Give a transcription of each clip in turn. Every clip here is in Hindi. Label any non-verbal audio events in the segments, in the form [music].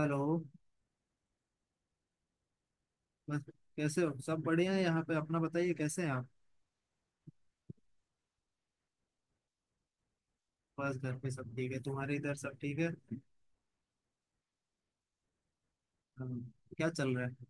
हेलो। बस कैसे हो, सब बढ़िया है यहाँ पे। अपना बताइए, कैसे हैं आप। बस घर पे सब ठीक है। तुम्हारे इधर सब ठीक है। हाँ, क्या चल रहा है।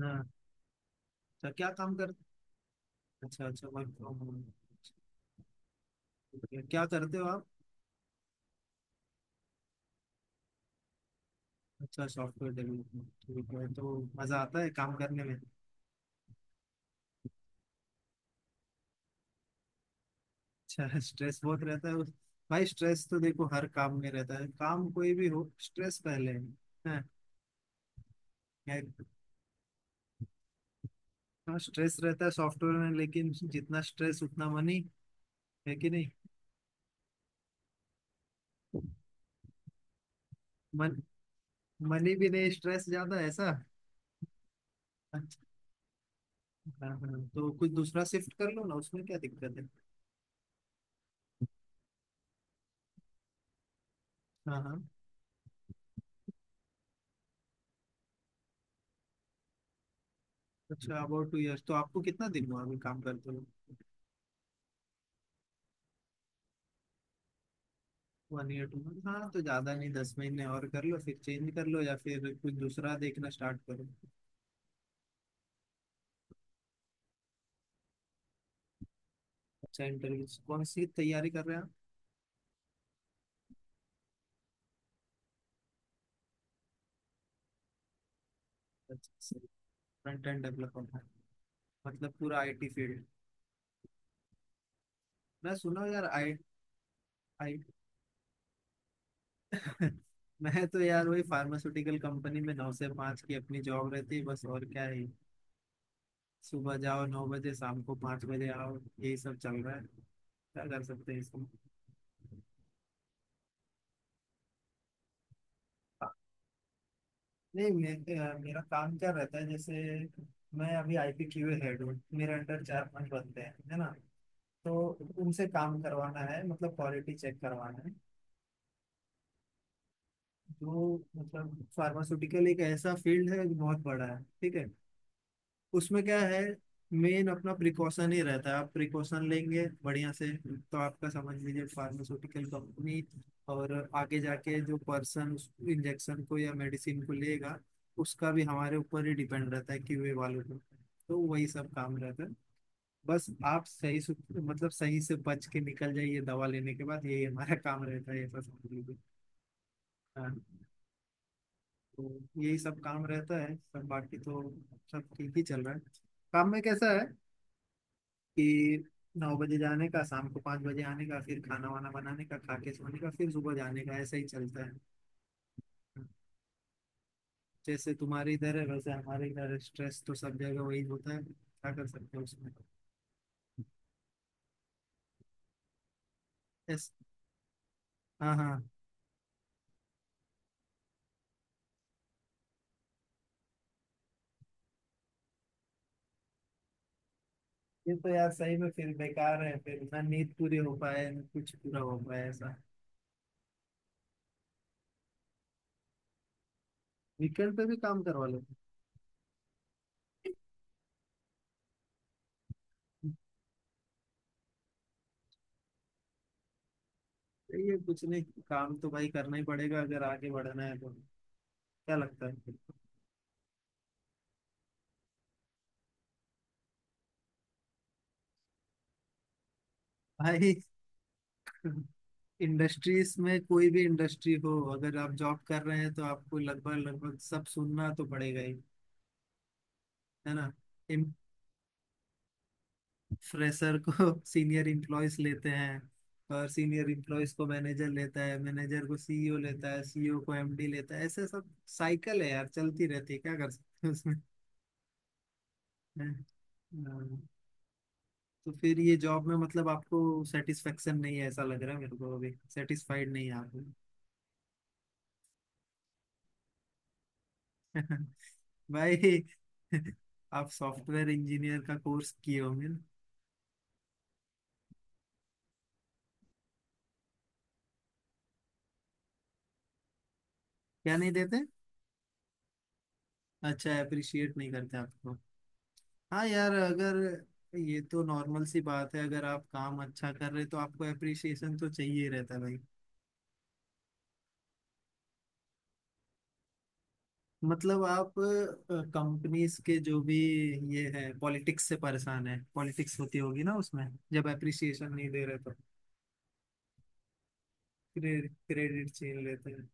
हाँ। अच्छा, क्या काम कर। अच्छा अच्छा, वर्क फ्रॉम होम ठीक है। क्या करते हो आप। अच्छा, सॉफ्टवेयर डेवलपमेंट ठीक है। तो मजा आता है काम करने में। अच्छा। [laughs] स्ट्रेस बहुत रहता है भाई, स्ट्रेस तो देखो हर काम में रहता है। काम कोई भी हो, स्ट्रेस पहले है। हाँ। एक- हाँ, स्ट्रेस रहता है सॉफ्टवेयर में, लेकिन जितना स्ट्रेस उतना मनी। है कि नहीं। मन मनी भी नहीं, स्ट्रेस ज्यादा है, ऐसा। अच्छा। हाँ हाँ, तो कुछ दूसरा शिफ्ट कर लो ना। उसमें क्या दिक्कत है। हाँ हाँ। अच्छा, अबाउट 2 इयर्स। तो आपको कितना दिन हुआ अभी काम करते हो। 1 ईयर 2 मंथ। हाँ, तो ज्यादा नहीं, 10 महीने और कर लो फिर चेंज कर लो, या फिर कुछ दूसरा देखना स्टार्ट करो। अच्छा, इंटरव्यू कौन सी तैयारी कर रहे हैं आप। अच्छा सही। फ्रंट एंड डेवलपर, मतलब पूरा आईटी फील्ड। मैं सुना यार, आई आई [laughs] मैं तो यार वही फार्मास्यूटिकल कंपनी में 9 से 5 की अपनी जॉब रहती है, बस। और क्या है। सुबह जाओ 9 बजे, शाम को 5 बजे आओ, यही सब चल रहा है। क्या कर सकते हैं इसमें। नहीं, मेरा काम क्या रहता है जैसे। मैं अभी आईपी क्यूए हेड हूँ, मेरे अंडर 4-5 बंदे हैं, है ना। तो उनसे काम करवाना है, मतलब क्वालिटी चेक करवाना है। जो मतलब फार्मास्यूटिकल एक ऐसा फील्ड है जो बहुत बड़ा है, ठीक है। उसमें क्या है। मेन अपना प्रिकॉशन ही रहता है। आप प्रिकॉशन लेंगे बढ़िया से तो आपका, समझ लीजिए, फार्मास्यूटिकल कंपनी। और आगे जाके जो पर्सन उस इंजेक्शन को या मेडिसिन को लेगा, उसका भी हमारे ऊपर ही डिपेंड रहता है, क्यूए वालों को। तो वही सब काम रहता है। बस आप सही से, मतलब सही से बच के निकल जाइए दवा लेने के बाद, यही हमारा [laughs] काम रहता है, ऐसा समझ लीजिए। हाँ। तो यही सब काम रहता है, सब बाकी तो सब ठीक ही चल रहा है। काम में कैसा है कि 9 बजे जाने का, शाम को 5 बजे आने का, फिर खाना वाना बनाने का, खा के सोने का, फिर सुबह जाने का, ऐसा ही चलता है। जैसे तुम्हारे इधर है वैसे हमारे इधर है। स्ट्रेस तो सब जगह वही होता है, क्या कर सकते हैं उसमें। यस। हाँ हाँ। ये तो यार सही में फिर बेकार है फिर, ना नींद पूरी हो पाए ना कुछ पूरा हो पाए, ऐसा। वीकेंड पे भी काम करवा लो। सही है, कुछ नहीं। काम तो भाई करना ही पड़ेगा अगर आगे बढ़ना है तो। क्या लगता है। भाई इंडस्ट्रीज में कोई भी इंडस्ट्री हो, अगर आप जॉब कर रहे हैं तो आपको लगभग लगभग सब सुनना तो पड़ेगा ही। है ना। फ्रेशर को [laughs] सीनियर इम्प्लॉयज लेते हैं, और सीनियर इम्प्लॉयज को मैनेजर लेता है, मैनेजर को सीईओ लेता है, सीईओ को एमडी लेता है, ऐसे सब साइकिल है यार, चलती रहती है। क्या कर सकते हैं उसमें। हाँ, तो फिर ये जॉब में मतलब आपको सेटिस्फेक्शन नहीं है, ऐसा लग रहा है मेरे को, अभी सेटिस्फाइड नहीं है आप। [laughs] भाई। [laughs] आप सॉफ्टवेयर इंजीनियर का कोर्स किए होंगे ना। क्या नहीं देते। अच्छा, अप्रिशिएट नहीं करते आपको। हाँ यार, अगर ये तो नॉर्मल सी बात है, अगर आप काम अच्छा कर रहे तो आपको अप्रिशिएशन तो चाहिए ही रहता है भाई। मतलब आप कंपनीज के जो भी, ये है, पॉलिटिक्स से परेशान है। पॉलिटिक्स होती होगी ना उसमें, जब अप्रिशिएशन नहीं दे रहे तो। क्रेडिट छीन लेते हैं।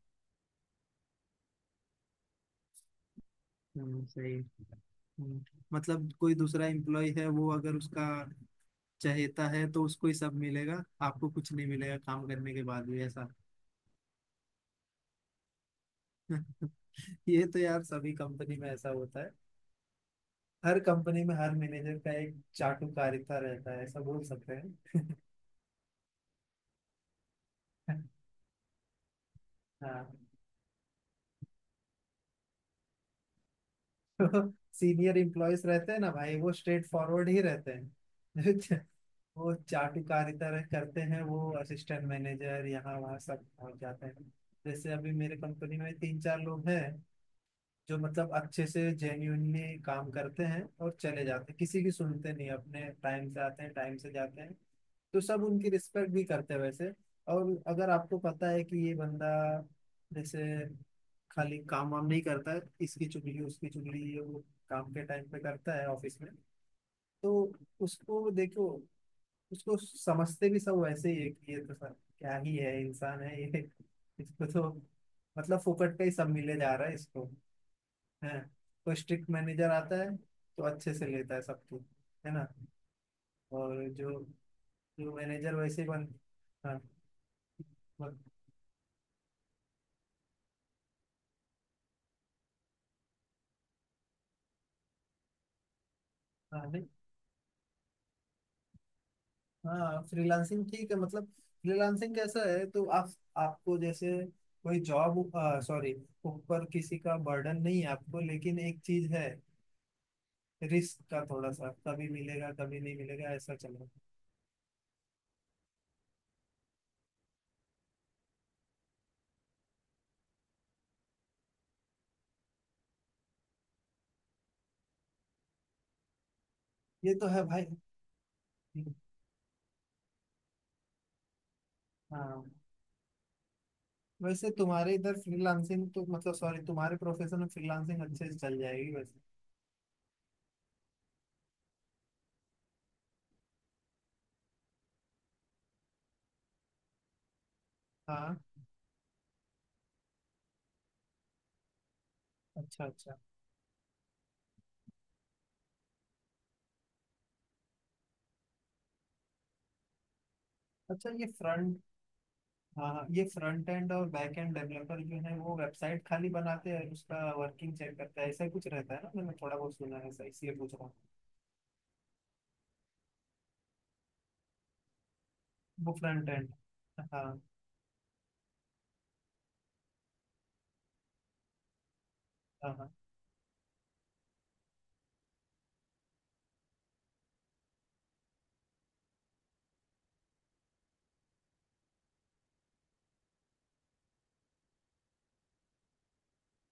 सही, हम्म। मतलब कोई दूसरा एम्प्लॉय है, वो अगर उसका चहेता है तो उसको ही सब मिलेगा, आपको कुछ नहीं मिलेगा काम करने के बाद भी, ऐसा। [laughs] ये तो यार सभी कंपनी में ऐसा होता है। हर कंपनी में हर मैनेजर का एक चाटुकारिता रहता है, ऐसा बोल सकते हैं। [laughs] हाँ, तो सीनियर इम्प्लॉयज रहते हैं ना भाई, वो स्ट्रेट फॉरवर्ड ही रहते हैं। [laughs] वो चाटुकारिता करते हैं, वो असिस्टेंट मैनेजर यहाँ वहाँ सब पहुंच जाते हैं। जैसे अभी मेरे कंपनी में 3-4 लोग हैं, जो मतलब अच्छे से जेन्यूनली काम करते हैं और चले जाते हैं, किसी की सुनते नहीं, अपने टाइम से आते हैं टाइम से जाते हैं। तो सब उनकी रिस्पेक्ट भी करते हैं वैसे। और अगर आपको पता है कि ये बंदा, जैसे, खाली काम वाम नहीं करता है, इसकी चुगली उसकी चुगली ये वो काम के टाइम पे करता है ऑफिस में, तो उसको देखो, उसको समझते भी सब वैसे ही है कि ये तो सर क्या ही है, इंसान है ये। [laughs] इसको तो मतलब फोकट पे ही सब मिले जा रहा है इसको है। तो स्ट्रिक्ट मैनेजर आता है तो अच्छे से लेता है सबको, है ना। और जो जो मैनेजर वैसे बन, हाँ, बन- हाँ, नहीं, हाँ। फ्रीलांसिंग ठीक है, मतलब फ्रीलांसिंग कैसा है तो आप आपको, जैसे कोई जॉब, सॉरी, ऊपर किसी का बर्डन नहीं है आपको, लेकिन एक चीज है, रिस्क का थोड़ा सा, कभी मिलेगा कभी नहीं मिलेगा, ऐसा चल रहा है। ये तो है भाई। हाँ, वैसे तुम्हारे इधर फ्रीलांसिंग तो, मतलब सॉरी, तुम्हारे प्रोफेशन में फ्रीलांसिंग अच्छे से चल जाएगी वैसे। हाँ, अच्छा अच्छा। अच्छा, ये फ्रंट, हाँ हाँ, ये फ्रंट एंड और बैक एंड डेवलपर जो है वो वेबसाइट खाली बनाते हैं और उसका वर्किंग चेक करता है, ऐसा ही कुछ रहता है ना। मैंने थोड़ा बहुत सुना है ऐसा, इसलिए पूछ रहा हूँ। वो फ्रंट एंड। हाँ हाँ। हाँ,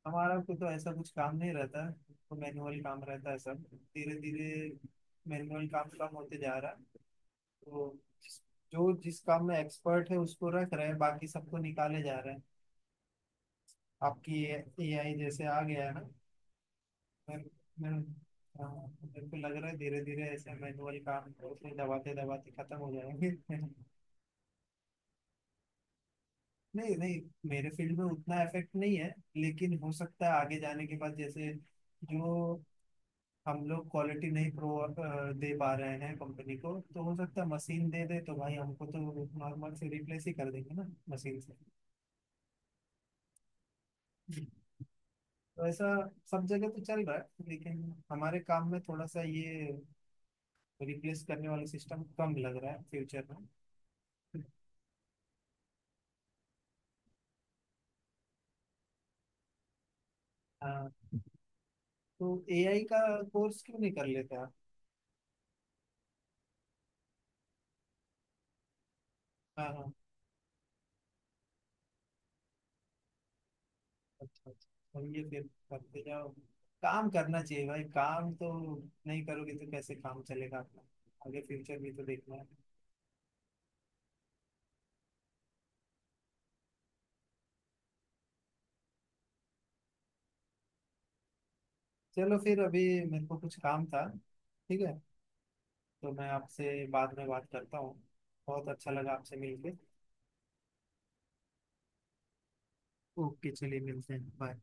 हमारा को तो ऐसा कुछ काम नहीं रहता, तो मैनुअल काम रहता है सब। धीरे धीरे मैनुअल काम कम होते जा रहा है। तो जिस- जो जिस काम में एक्सपर्ट है उसको रख रहे हैं, बाकी सबको निकाले जा रहे हैं। आपकी एआई जैसे आ गया है ना। मेरे मेरे हाँ, मेरे को लग रहा है धीरे धीरे ऐसे मैनुअल काम होते दबाते दबाते खत्म हो जाएंगे। [laughs] नहीं नहीं, मेरे फील्ड में उतना इफेक्ट नहीं है। लेकिन हो सकता है आगे जाने के बाद जैसे जो हम लोग क्वालिटी नहीं दे पा रहे हैं कंपनी को तो हो सकता है मशीन दे दे, तो भाई हमको तो नॉर्मल से रिप्लेस ही कर देंगे ना मशीन से। वैसा सब जगह तो चल रहा है, लेकिन हमारे काम में थोड़ा सा ये रिप्लेस करने वाला सिस्टम कम लग रहा है फ्यूचर में। हाँ, तो एआई का कोर्स क्यों नहीं कर लेते आप। हाँ हाँ, अच्छा अच्छा। और ये फिर करते जाओ। काम करना चाहिए भाई, काम तो नहीं करोगे तो कैसे काम चलेगा आपका। आगे फ्यूचर भी तो देखना है। चलो फिर, अभी मेरे को कुछ काम था। ठीक है, तो मैं आपसे बाद में बात करता हूँ। बहुत अच्छा लगा आपसे मिलके। ओके, चलिए मिलते हैं। बाय।